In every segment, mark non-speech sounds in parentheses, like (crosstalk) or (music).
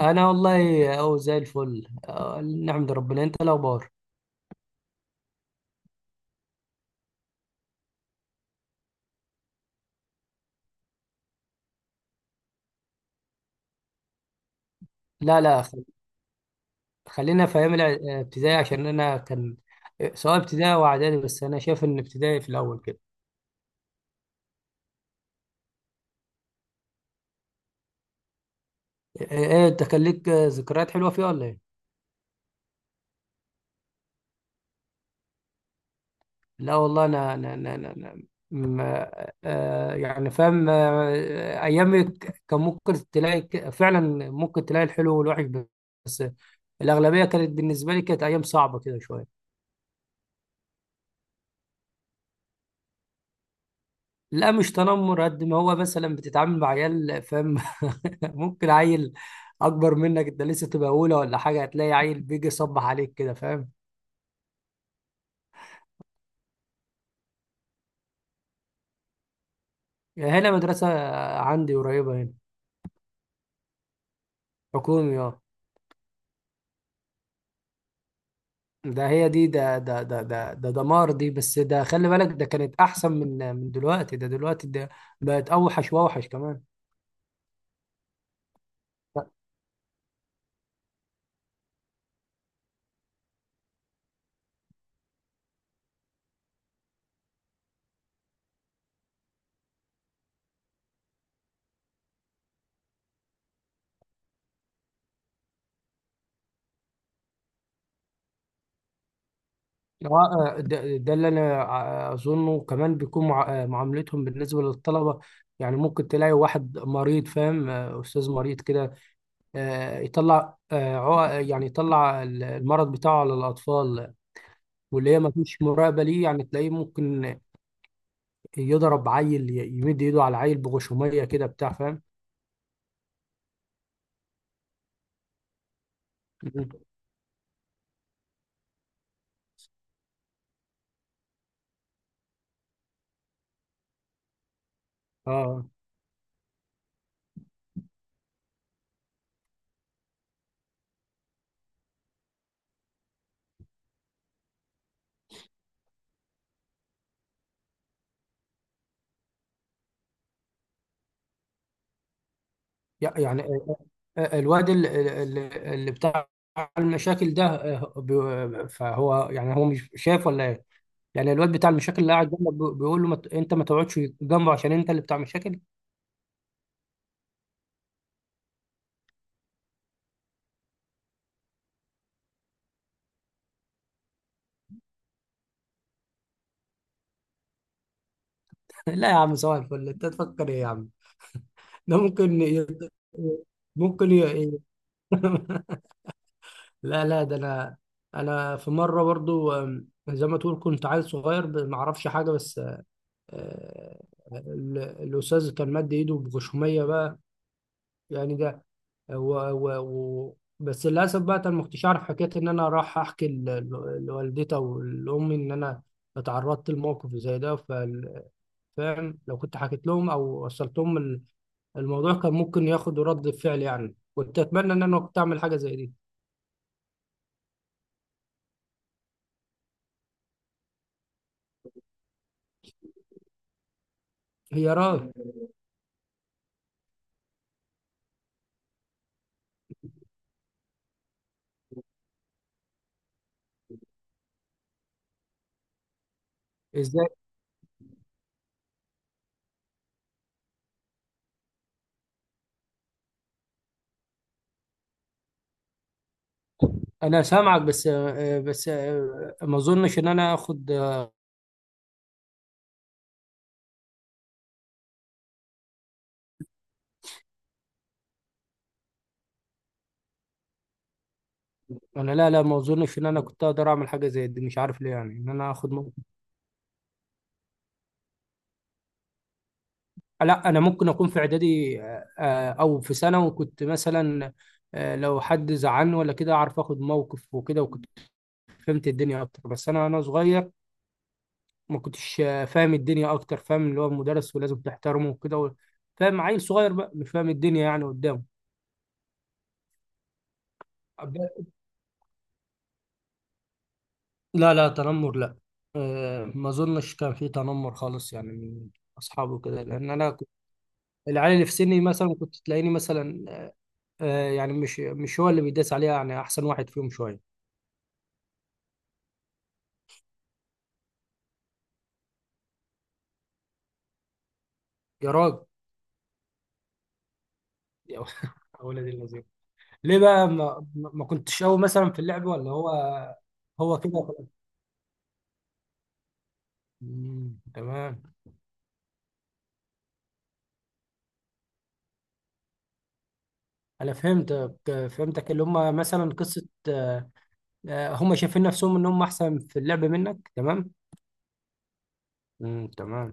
انا والله اهو زي الفل نحمد ربنا. انت الاخبار؟ لا، لا، خلينا في ايام ابتدائي عشان انا كان، سواء ابتدائي او اعدادي، بس انا شايف ان ابتدائي في الاول كده. ايه إيه، انت كان ليك ذكريات حلوه فيها ولا ايه؟ لا والله، انا انا انا, أنا, أنا ما يعني فاهم. ايامك كان ممكن تلاقي فعلا ممكن تلاقي الحلو والوحش، بس الاغلبيه كانت بالنسبه لي، كانت ايام صعبه كده شويه. لا، مش تنمر قد ما هو، مثلا بتتعامل مع عيال، فاهم؟ (laughs) ممكن عيل اكبر منك، انت لسه تبقى اولى ولا حاجه، هتلاقي عيل بيجي يصبح عليك كده، فاهم؟ يعني هنا مدرسه، عندي قريبه هنا. حكومي، اه. ده هي دي، ده ده ده ده ده دمار دي. بس ده، خلي بالك، ده كانت احسن من دلوقتي. ده دلوقتي ده بقت اوحش واوحش كمان. آه، ده اللي انا اظنه كمان بيكون معاملتهم بالنسبه للطلبه. يعني ممكن تلاقي واحد مريض، فاهم؟ استاذ مريض كده، يطلع، يعني يطلع المرض بتاعه على الاطفال. واللي هي ما فيش مراقبه ليه، يعني تلاقيه ممكن يضرب عيل، يمد ايده على عيل بغشوميه كده، بتاع، فاهم؟ مم. اه. يعني الواد اللي بتاع المشاكل ده، فهو يعني هو مش شايف ولا؟ يعني الواد بتاع المشاكل اللي قاعد جنبك بيقول له، ما ت- انت ما تقعدش جنبه عشان انت اللي بتاع مشاكل. (laughs) لا يا عم، صباح الفل! انت تفكر ايه يا عم؟ ده ممكن. (laughs) لا، لا، ده انا. انا في مره برضو، زي ما تقول كنت عيل صغير، ما اعرفش حاجه. بس آه، الاستاذ كان مد ايده بغشوميه بقى، يعني ده، و... بس للاسف بقى انا ما كنتش اعرف حكايه ان انا راح احكي لوالدتي او لامي ان انا اتعرضت لموقف زي ده. فاهم؟ لو كنت حكيت لهم او وصلت لهم الموضوع، كان ممكن ياخدوا رد فعل، يعني كنت اتمنى ان انا كنت اعمل حاجه زي دي. هي راي. ازاي؟ انا سامعك، بس ما اظنش ان انا اخد. انا، لا، لا، ما اظنش ان انا كنت اقدر اعمل حاجه زي دي، مش عارف ليه، يعني ان انا اخد. لا، انا ممكن اكون في اعدادي او في سنه، وكنت مثلا لو حد زعلني ولا كده اعرف اخد موقف وكده، وكنت فهمت الدنيا اكتر. بس انا صغير، ما كنتش فاهم الدنيا اكتر، فاهم؟ اللي هو المدرس ولازم تحترمه وكده فاهم؟ عيل صغير بقى مش فاهم الدنيا يعني قدامه. أب- لا، لا تنمر، لا. ما اظنش كان في تنمر خالص، يعني من اصحابه كده، لان انا كنت، العيال اللي في سني مثلا كنت تلاقيني، مثلا يعني مش هو اللي بيداس عليها، يعني احسن واحد فيهم شويه. يا راجل! يا ولد اللذين! ليه بقى ما كنتش قوي مثلا في اللعب، ولا هو هو كده وخلاص؟ مم، تمام. انا فهمتك، اللي هم مثلا قصه هم شايفين نفسهم ان هم احسن في اللعب منك. تمام. مم، تمام.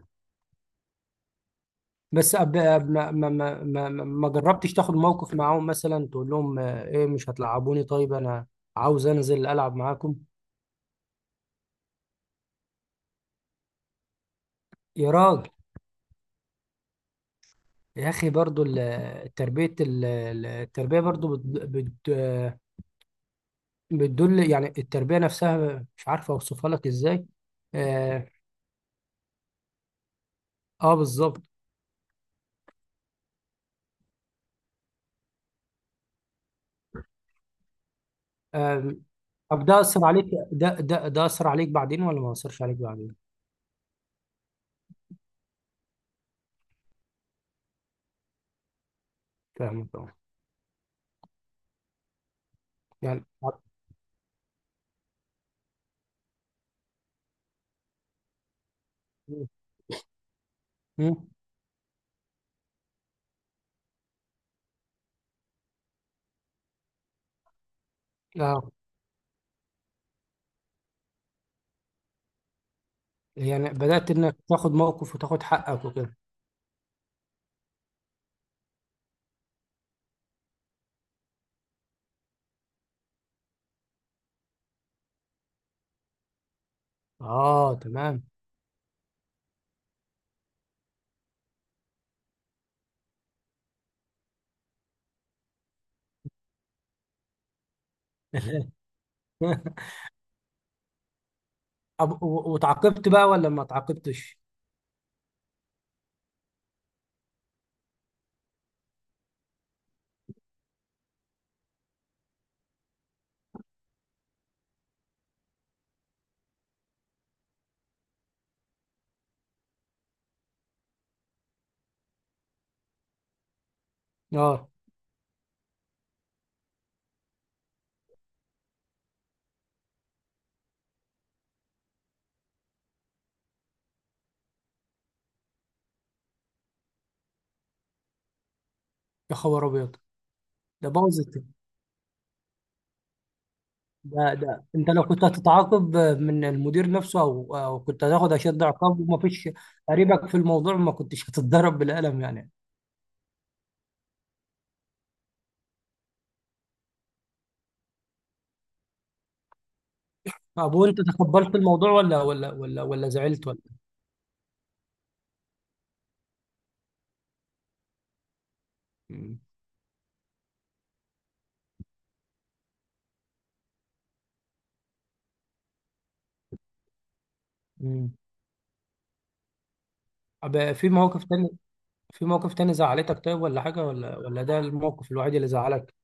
بس ما جربتش تاخد موقف معاهم، مثلا تقول لهم ايه، مش هتلعبوني؟ طيب انا عاوز انزل العب معاكم. يا راجل! يا اخي، برضو التربيه، التربيه برضو بت... بتدل، يعني التربية نفسها مش عارف أوصفها لك إزاي. آه، آه بالظبط. آه. طب ده أثر عليك، ده أثر عليك بعدين ولا ما أثرش عليك بعدين؟ فاهمك، أه. يعني. مم. آه، يعني بدأت إنك تاخد موقف وتاخد حقك وكده. آه، تمام. (laughs) طب، وتعاقبت بقى ولا ما تعاقبتش؟ آه. يا خبر أبيض! ده بوظت. ده انت لو كنت هتتعاقب من المدير نفسه، او كنت هتاخد اشد عقاب، وما فيش قريبك في الموضوع، ما كنتش هتتضرب بالقلم يعني. طب وانت تقبلت الموضوع، ولا زعلت، ولا؟ مم. مم. طب في موقف تاني؟ في موقف تاني زعلتك طيب، ولا حاجة، ولا ده الموقف الوحيد اللي زعلك؟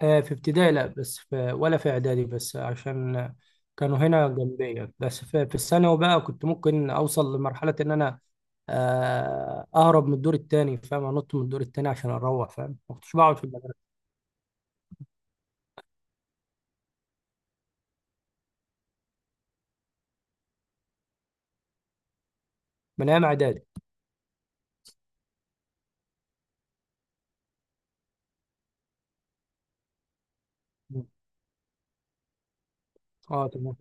في ابتدائي لا، بس في، ولا في اعدادي، بس عشان كانوا هنا جنبيا. بس في الثانوي بقى، كنت ممكن اوصل لمرحلة ان انا اهرب من الدور التاني، فاهم؟ انط من الدور التاني عشان اروح، فاهم؟ ما كنتش بقعد في المدرسة. من ايام اعدادي. اه، تمام.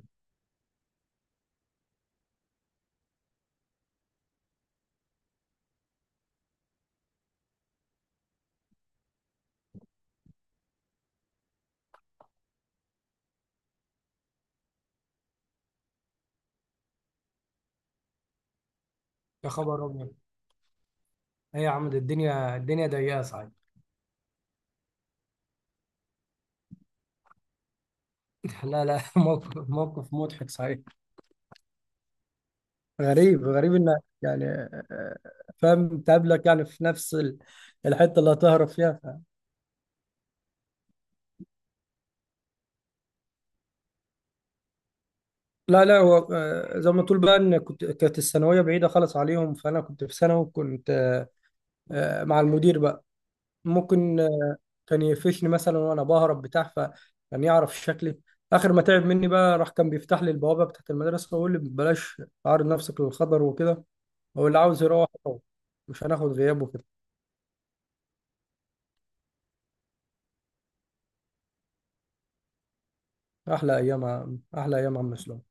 يا خبر ابيض! هي يا عم، ده الدنيا ضيقة صحيح. (laughs) لا، لا، موقف مضحك صحيح. غريب، غريب انك يعني آه، فاهم؟ تقابلك يعني في نفس الحتة اللي هتهرب فيها. لا، لا، هو زي ما تقول بقى، ان كنت، كانت الثانويه بعيده خالص عليهم، فانا كنت في ثانوي كنت مع المدير بقى. ممكن كان يقفشني مثلا وانا بهرب بتاع، فكان يعرف شكلي. اخر ما تعب مني بقى، راح كان بيفتح لي البوابه بتاعت المدرسه ويقول لي بلاش تعرض نفسك للخطر وكده. هو اللي عاوز يروح يروح. مش هناخد غياب وكده. احلى ايام يا عم اسلام.